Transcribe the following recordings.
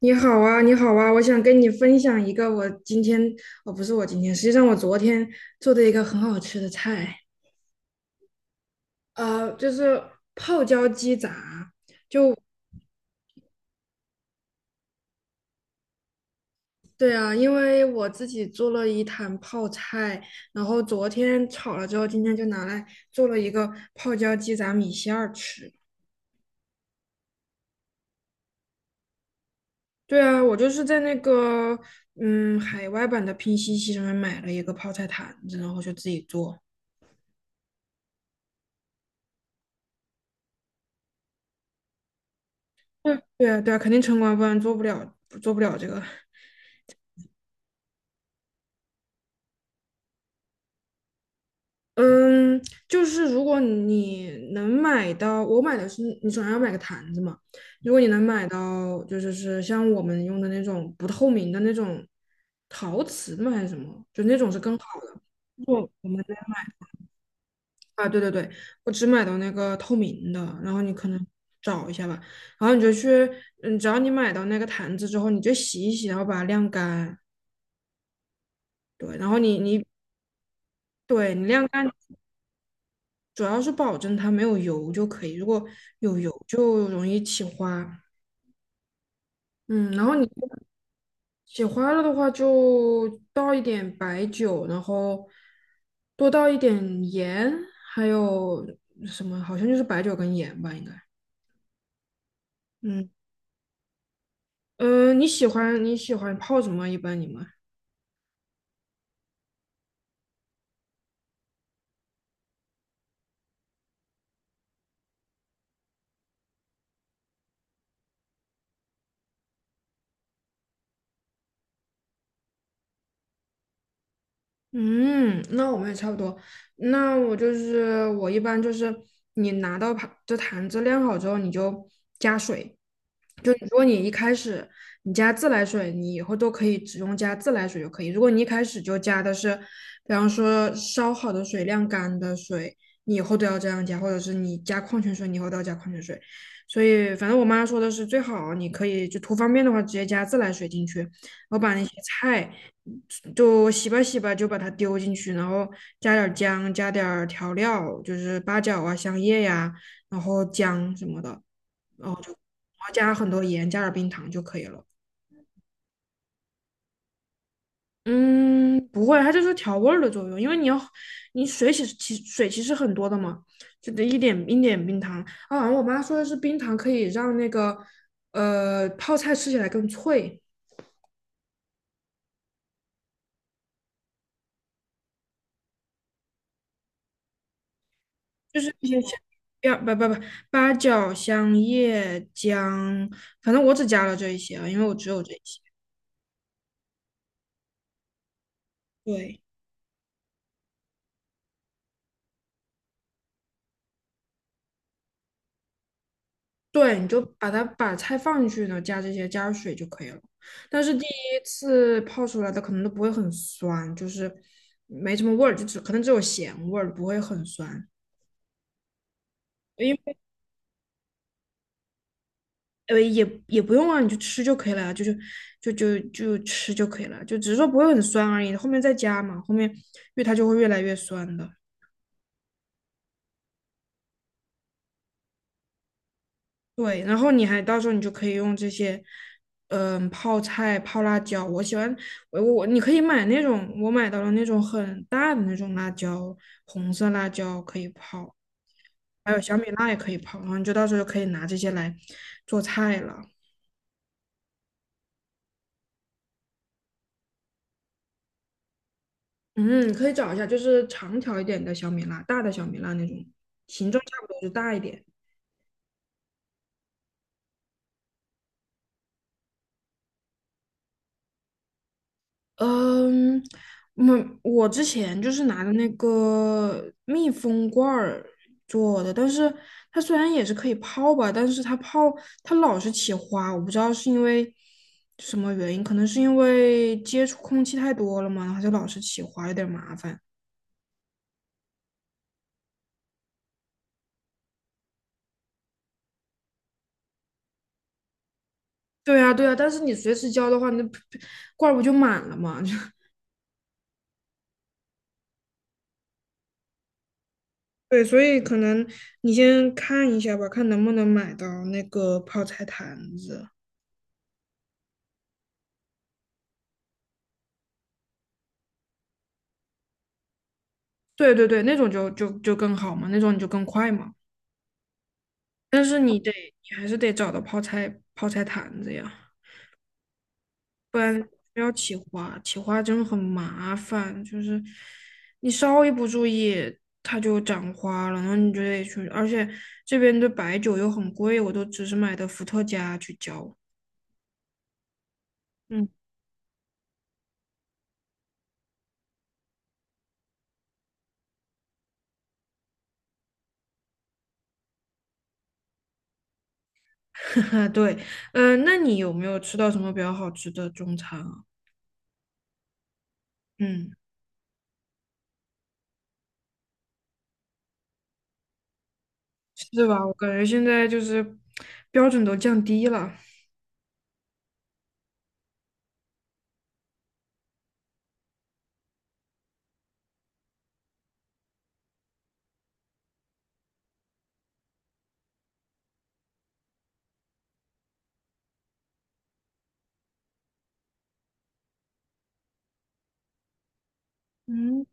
你好啊，你好啊，我想跟你分享一个我今天，哦，不是我今天，实际上我昨天做的一个很好吃的菜，就是泡椒鸡杂。就，对啊，因为我自己做了一坛泡菜，然后昨天炒了之后，今天就拿来做了一个泡椒鸡杂米线儿吃。对啊，我就是在那个海外版的拼夕夕上面买了一个泡菜坛子，然后就自己做。对对啊，对啊，肯定城管，不然做不了这个。嗯，就是如果你能买到，我买的是你总要买个坛子嘛。如果你能买到，就是像我们用的那种不透明的那种陶瓷的吗？还是什么？就那种是更好的。我们那啊，对对对，我只买到那个透明的，然后你可能找一下吧。然后你就去，只要你买到那个坛子之后，你就洗一洗，然后把它晾干。对，然后你，对，你晾干。主要是保证它没有油就可以，如果有油就容易起花。嗯，然后你起花了的话，就倒一点白酒，然后多倒一点盐，还有什么？好像就是白酒跟盐吧，应该。嗯，你喜欢泡什么？一般你们？嗯，那我们也差不多。那我就是我一般就是你拿到盘这坛子晾好之后，你就加水，就如果你一开始你加自来水，你以后都可以只用加自来水就可以。如果你一开始就加的是，比方说烧好的水、晾干的水，你以后都要这样加，或者是你加矿泉水，你以后都要加矿泉水。所以反正我妈说的是，最好你可以就图方便的话，直接加自来水进去，然后把那些菜就洗吧洗吧，就把它丢进去，然后加点姜，加点调料，就是八角啊、香叶呀、然后姜什么的。然后就然后加很多盐，加点冰糖就可以了。嗯，不会，它就是调味儿的作用，因为你水其实其实很多的嘛，就得一点一点冰糖啊。然后我妈说的是冰糖可以让那个泡菜吃起来更脆，就是一些香料不不不八角、香叶、姜，反正我只加了这一些啊，因为我只有这一些。对，对，你就把菜放进去，呢，加这些加水就可以了。但是第一次泡出来的可能都不会很酸，就是没什么味儿，就只可能只有咸味儿，不会很酸。因为也不用啊，你就吃就可以了呀，就是就就就吃就可以了，就只是说不会很酸而已。后面再加嘛，后面因为它就会越来越酸的。对，然后到时候你就可以用这些，嗯，泡菜、泡辣椒。我喜欢我我你可以买那种，我买到了那种很大的那种辣椒，红色辣椒可以泡，还有小米辣也可以泡。然后你就到时候就可以拿这些来做菜了。嗯，可以找一下，就是长条一点的小米辣，大的小米辣那种，形状差不多就大一点。嗯，我之前就是拿的那个密封罐儿做的，但是它虽然也是可以泡吧，但是它老是起花，我不知道是因为什么原因，可能是因为接触空气太多了嘛，然后就老是起花，有点麻烦。对啊，对啊，但是你随时浇的话，那罐儿不就满了嘛？对，所以可能你先看一下吧，看能不能买到那个泡菜坛子。对对对，那种就更好嘛，那种你就更快嘛。但是你还是得找到泡菜坛子呀，不然不要起花，起花真的很麻烦。就是你稍微不注意，它就长花了，然后你就得去。而且这边的白酒又很贵，我都只是买的伏特加去浇。嗯，对，那你有没有吃到什么比较好吃的中餐啊？嗯，是吧？我感觉现在就是标准都降低了。嗯。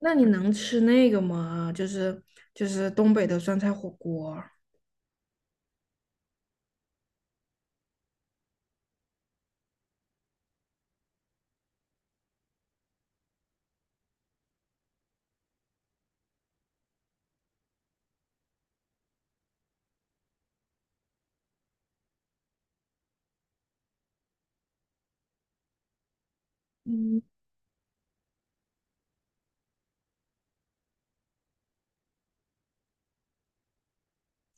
那你能吃那个吗？就是东北的酸菜火锅。嗯，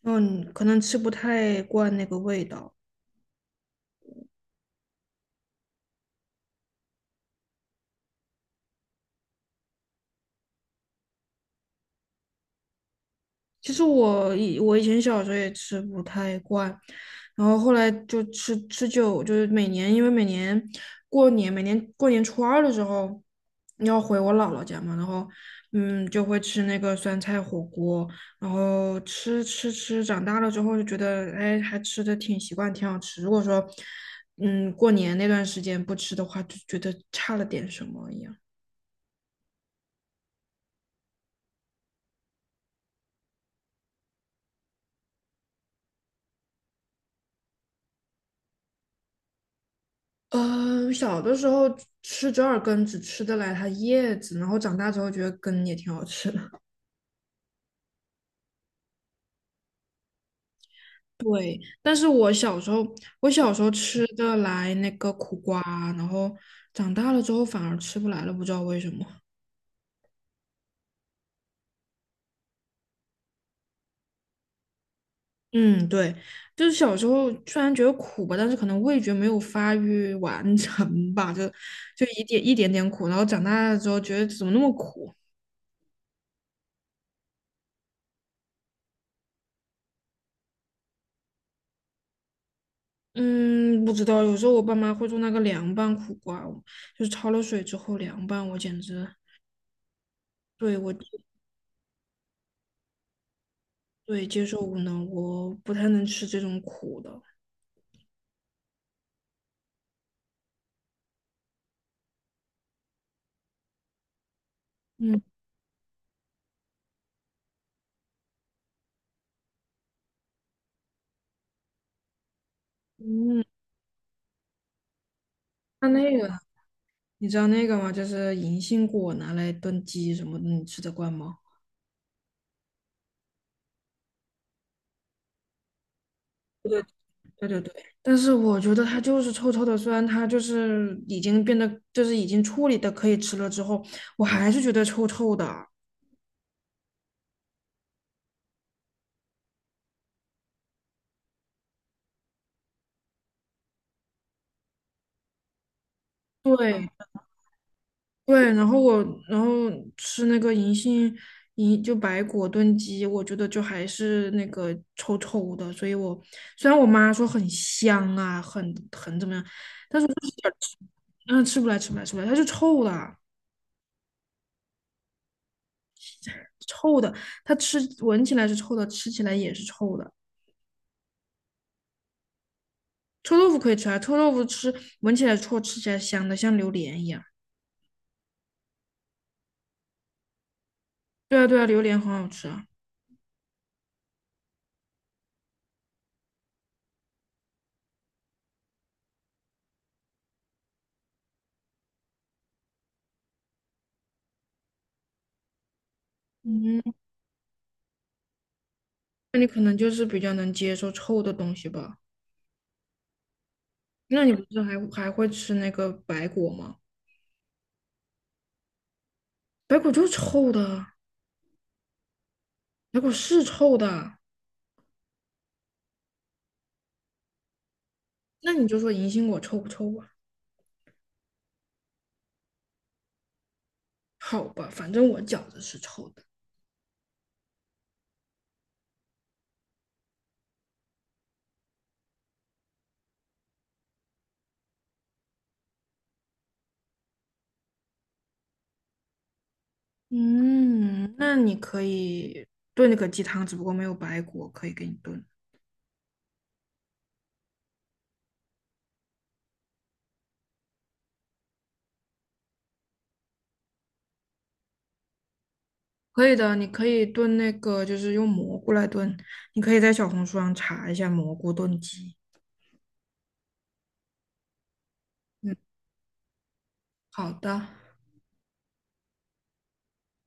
嗯，可能吃不太惯那个味道。其实我以前小时候也吃不太惯，然后后来就吃吃久，就是每年因为每年过年，每年过年初二的时候要回我姥姥家嘛，然后就会吃那个酸菜火锅，然后吃吃吃，长大了之后就觉得哎还吃的挺习惯，挺好吃。如果说过年那段时间不吃的话，就觉得差了点什么一样。嗯，小的时候吃折耳根只吃得来它叶子，然后长大之后觉得根也挺好吃的。但是我小时候吃得来那个苦瓜，然后长大了之后反而吃不来了，不知道为什么。嗯，对，就是小时候虽然觉得苦吧，但是可能味觉没有发育完成吧，就一点一点点苦，然后长大了之后觉得怎么那么苦。嗯，不知道，有时候我爸妈会做那个凉拌苦瓜，就是焯了水之后凉拌，我简直。对，对接受无能，我不太能吃这种苦的。嗯嗯，那个你知道那个吗？就是银杏果拿来炖鸡什么的，你吃得惯吗？对对对，但是我觉得它就是臭臭的，虽然它就是已经变得就是已经处理的可以吃了之后，我还是觉得臭臭的。对对，然后然后吃那个银杏银就白果炖鸡，我觉得就还是那个臭臭的，所以虽然我妈说很香啊，很怎么样，嗯，吃不来吃不来吃不来，它是臭的，臭的，它闻起来是臭的，吃起来也是臭的。臭豆腐可以吃啊，臭豆腐闻起来臭，吃起来香的，像榴莲一样。对啊对啊，榴莲很好吃啊。嗯，那你可能就是比较能接受臭的东西吧？那你不是还会吃那个白果吗？白果就是臭的，白果是臭的。那你就说银杏果臭不臭吧？好吧，反正我觉子是臭的。嗯，那你可以炖那个鸡汤，只不过没有白果可以给你炖。可以的，你可以炖那个，就是用蘑菇来炖。你可以在小红书上查一下蘑菇炖鸡。嗯，好的。